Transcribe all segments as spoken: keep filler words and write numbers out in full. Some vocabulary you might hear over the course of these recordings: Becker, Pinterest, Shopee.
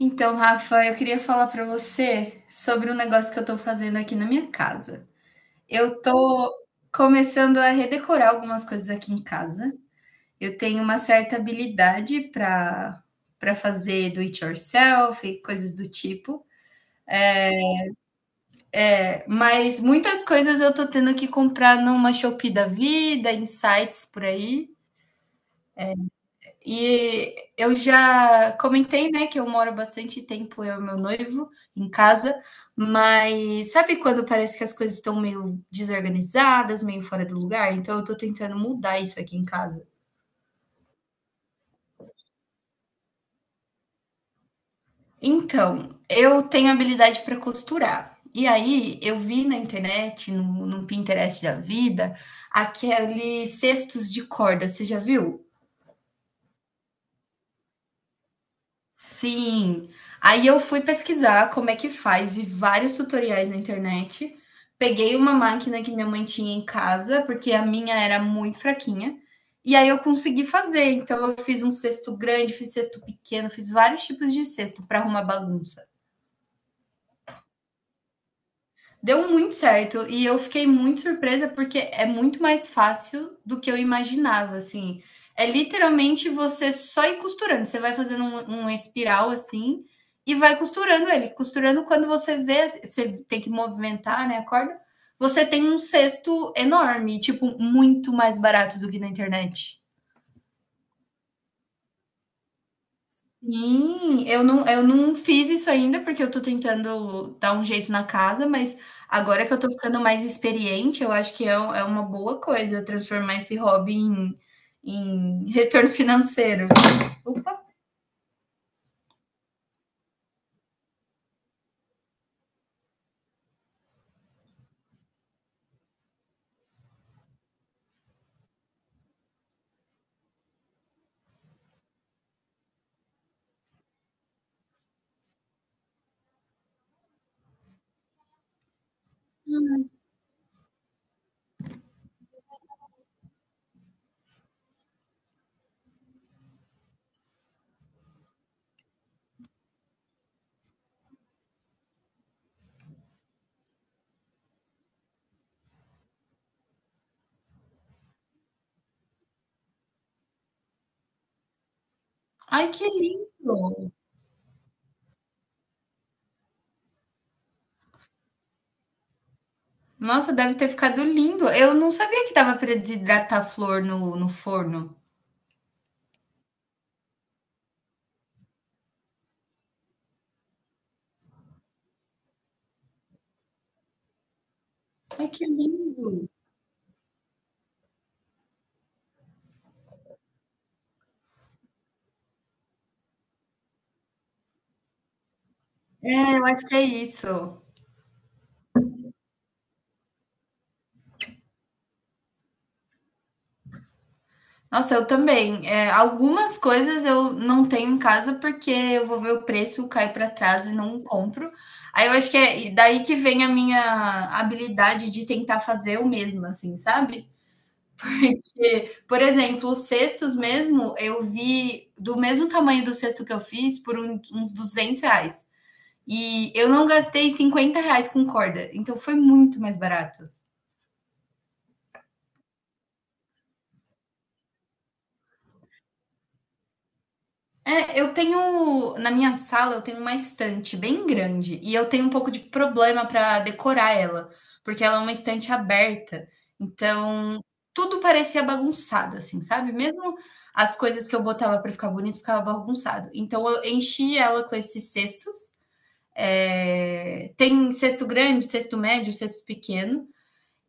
Então, Rafa, eu queria falar para você sobre um negócio que eu estou fazendo aqui na minha casa. Eu estou começando a redecorar algumas coisas aqui em casa. Eu tenho uma certa habilidade para para fazer do it yourself e coisas do tipo. É, mas muitas coisas eu estou tendo que comprar numa Shopee da vida, em sites por aí. E eu já comentei, né, que eu moro bastante tempo, eu e meu noivo, em casa, mas sabe quando parece que as coisas estão meio desorganizadas, meio fora do lugar? Então eu tô tentando mudar isso aqui em casa. Então, eu tenho habilidade para costurar. E aí eu vi na internet, no, no Pinterest da vida, aqueles cestos de corda, você já viu? Sim. Aí eu fui pesquisar como é que faz, vi vários tutoriais na internet. Peguei uma máquina que minha mãe tinha em casa, porque a minha era muito fraquinha. E aí eu consegui fazer. Então eu fiz um cesto grande, fiz cesto pequeno, fiz vários tipos de cesto para arrumar bagunça. Deu muito certo e eu fiquei muito surpresa porque é muito mais fácil do que eu imaginava, assim. É literalmente você só ir costurando. Você vai fazendo um, um espiral assim e vai costurando ele. Costurando quando você vê, você tem que movimentar, né, a corda. Você tem um cesto enorme, tipo, muito mais barato do que na internet. Sim, eu não, eu não fiz isso ainda, porque eu tô tentando dar um jeito na casa, mas agora que eu tô ficando mais experiente, eu acho que é, um- é uma boa coisa transformar esse hobby em, em retorno financeiro. Opa! Ai, que lindo! Nossa, deve ter ficado lindo. Eu não sabia que dava para desidratar a flor no, no forno. Ai, que lindo! É, eu acho que é isso. Nossa, eu também. É, algumas coisas eu não tenho em casa porque eu vou ver o preço, cai para trás e não compro. Aí eu acho que é daí que vem a minha habilidade de tentar fazer eu mesma, assim, sabe? Porque, por exemplo, os cestos mesmo, eu vi do mesmo tamanho do cesto que eu fiz por um- uns duzentos reais. E eu não gastei cinquenta reais com corda, então foi muito mais barato. É, Eu tenho, na minha sala, eu tenho uma estante bem grande e eu tenho um pouco de problema para decorar ela, porque ela é uma estante aberta. Então, tudo parecia bagunçado, assim, sabe? Mesmo as coisas que eu botava para ficar bonito ficava bagunçado. Então, eu enchi ela com esses cestos. É, Tem cesto grande, cesto médio, cesto pequeno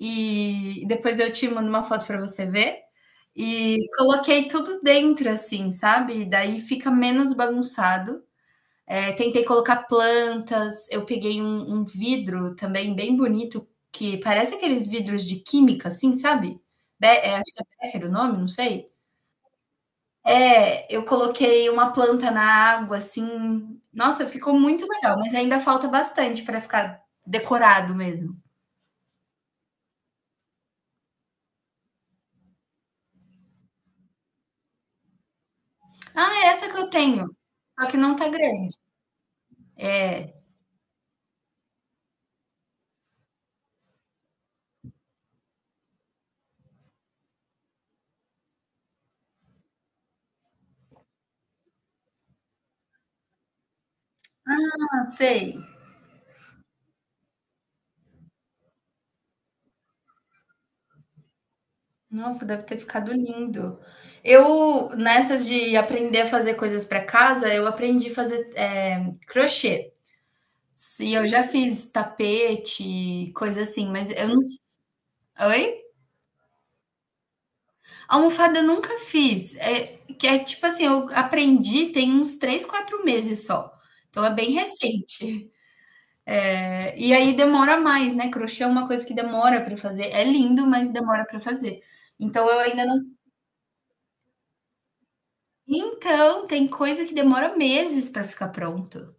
e depois eu te mando uma foto para você ver. E coloquei tudo dentro, assim, sabe? Daí fica menos bagunçado. É, tentei colocar plantas, eu peguei um, um vidro também bem bonito, que parece aqueles vidros de química, assim, sabe? Be É, acho que é Becker o nome, não sei. É, eu coloquei uma planta na água, assim. Nossa, ficou muito legal, mas ainda falta bastante para ficar decorado mesmo. Ah, é essa que eu tenho, só que não tá grande. Ah, sei. Nossa, deve ter ficado lindo. Eu, nessas de aprender a fazer coisas para casa, eu aprendi a fazer eh, crochê. E eu já fiz tapete, coisa assim, mas eu não. Oi? Almofada eu nunca fiz. É, que é tipo assim, eu aprendi tem uns três, quatro meses só. Então é bem recente. É, E aí demora mais, né? Crochê é uma coisa que demora para fazer. É lindo, mas demora para fazer. Então eu ainda não. Então, tem coisa que demora meses para ficar pronto,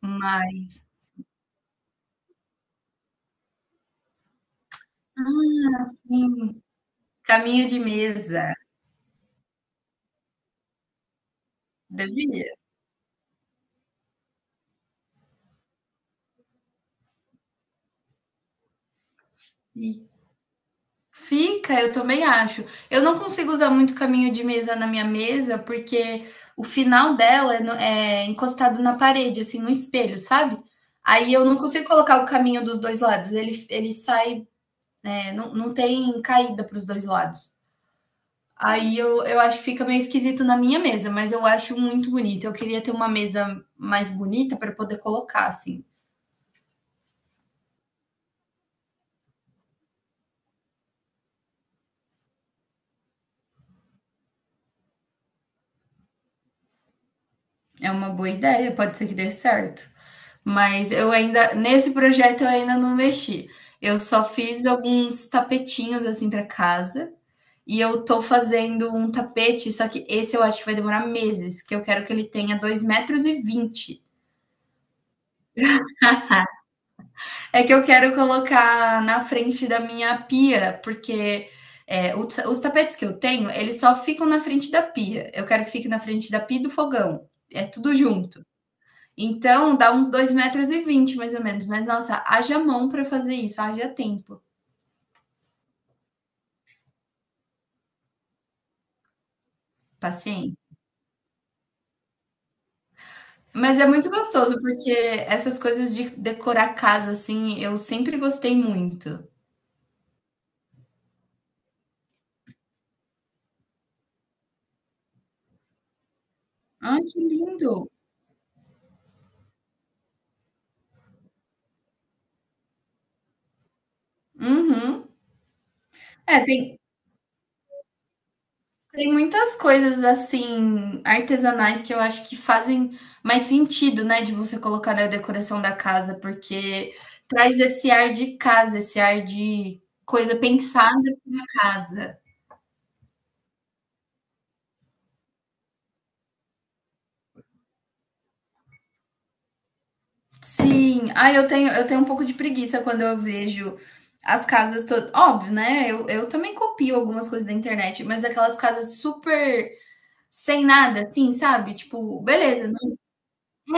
mas sim, caminho de mesa, devia. E fica, eu também acho. Eu não consigo usar muito caminho de mesa na minha mesa, porque o final dela é no é encostado na parede, assim, no espelho, sabe. Aí eu não consigo colocar o caminho dos dois lados, ele ele sai, eh, não não tem caída para os dois lados. Aí eu, eu acho que fica meio esquisito na minha mesa, mas eu acho muito bonito. Eu queria ter uma mesa mais bonita para poder colocar, assim. É uma boa ideia, pode ser que dê certo. Mas eu ainda, nesse projeto eu ainda não mexi. Eu só fiz alguns tapetinhos assim para casa. E eu tô fazendo um tapete, só que esse eu acho que vai demorar meses, que eu quero que ele tenha dois metros. e vinte. É que eu quero colocar na frente da minha pia, porque é, os, os tapetes que eu tenho, eles só ficam na frente da pia. Eu quero que fique na frente da pia e do fogão. É tudo junto. Então, dá uns dois metros, e vinte, mais ou menos. Mas, nossa, haja mão para fazer isso, haja tempo, paciência. Mas é muito gostoso, porque essas coisas de decorar a casa, assim, eu sempre gostei muito. Ai, que lindo! Uhum. É, tem, Tem muitas coisas assim, artesanais que eu acho que fazem mais sentido, né, de você colocar na decoração da casa, porque traz esse ar de casa, esse ar de coisa pensada em casa. Sim, ah, eu tenho eu tenho um pouco de preguiça quando eu vejo as casas todas óbvio, né, eu eu também copio algumas coisas da internet, mas aquelas casas super sem nada, assim, sabe, tipo, beleza.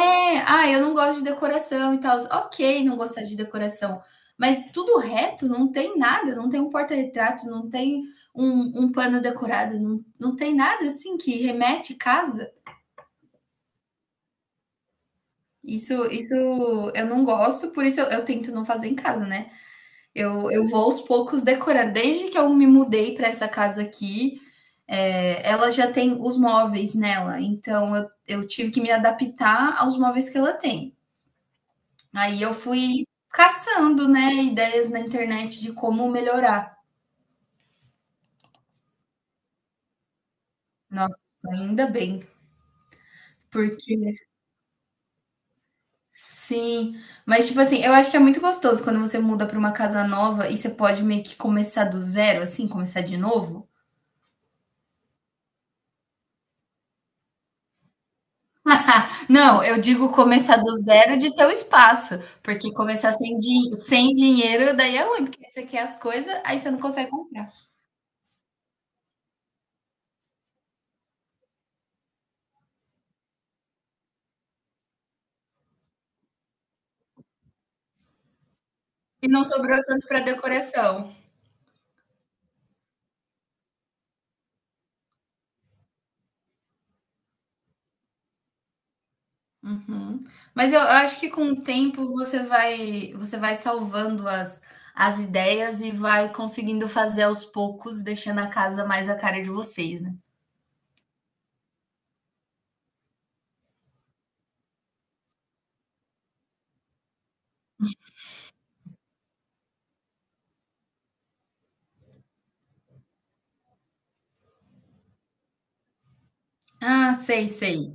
É, ah, eu não gosto de decoração e tal. Ok, não gostar de decoração, mas tudo reto, não tem nada, não tem um porta-retrato, não tem um, um pano decorado, não, não tem nada assim que remete casa. Isso, isso eu não gosto, por isso eu, eu tento não fazer em casa, né? Eu, eu vou aos poucos decorar. Desde que eu me mudei para essa casa aqui, é, ela já tem os móveis nela, então eu, eu tive que me adaptar aos móveis que ela tem. Aí eu fui caçando, né, ideias na internet de como melhorar. Nossa, ainda bem, porque sim, mas tipo assim, eu acho que é muito gostoso quando você muda para uma casa nova e você pode meio que começar do zero, assim, começar de novo. Não, eu digo começar do zero de ter o espaço, porque começar sem, din- sem dinheiro daí é ruim, porque você quer as coisas, aí você não consegue comprar. E não sobrou tanto para decoração. Uhum. Mas eu acho que com o tempo você vai você vai salvando as as ideias e vai conseguindo fazer aos poucos, deixando a casa mais a cara de vocês, né. Ah, sei, sei.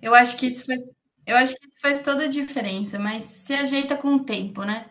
Eu acho que isso faz eu acho que isso faz toda a diferença, mas se ajeita com o tempo, né.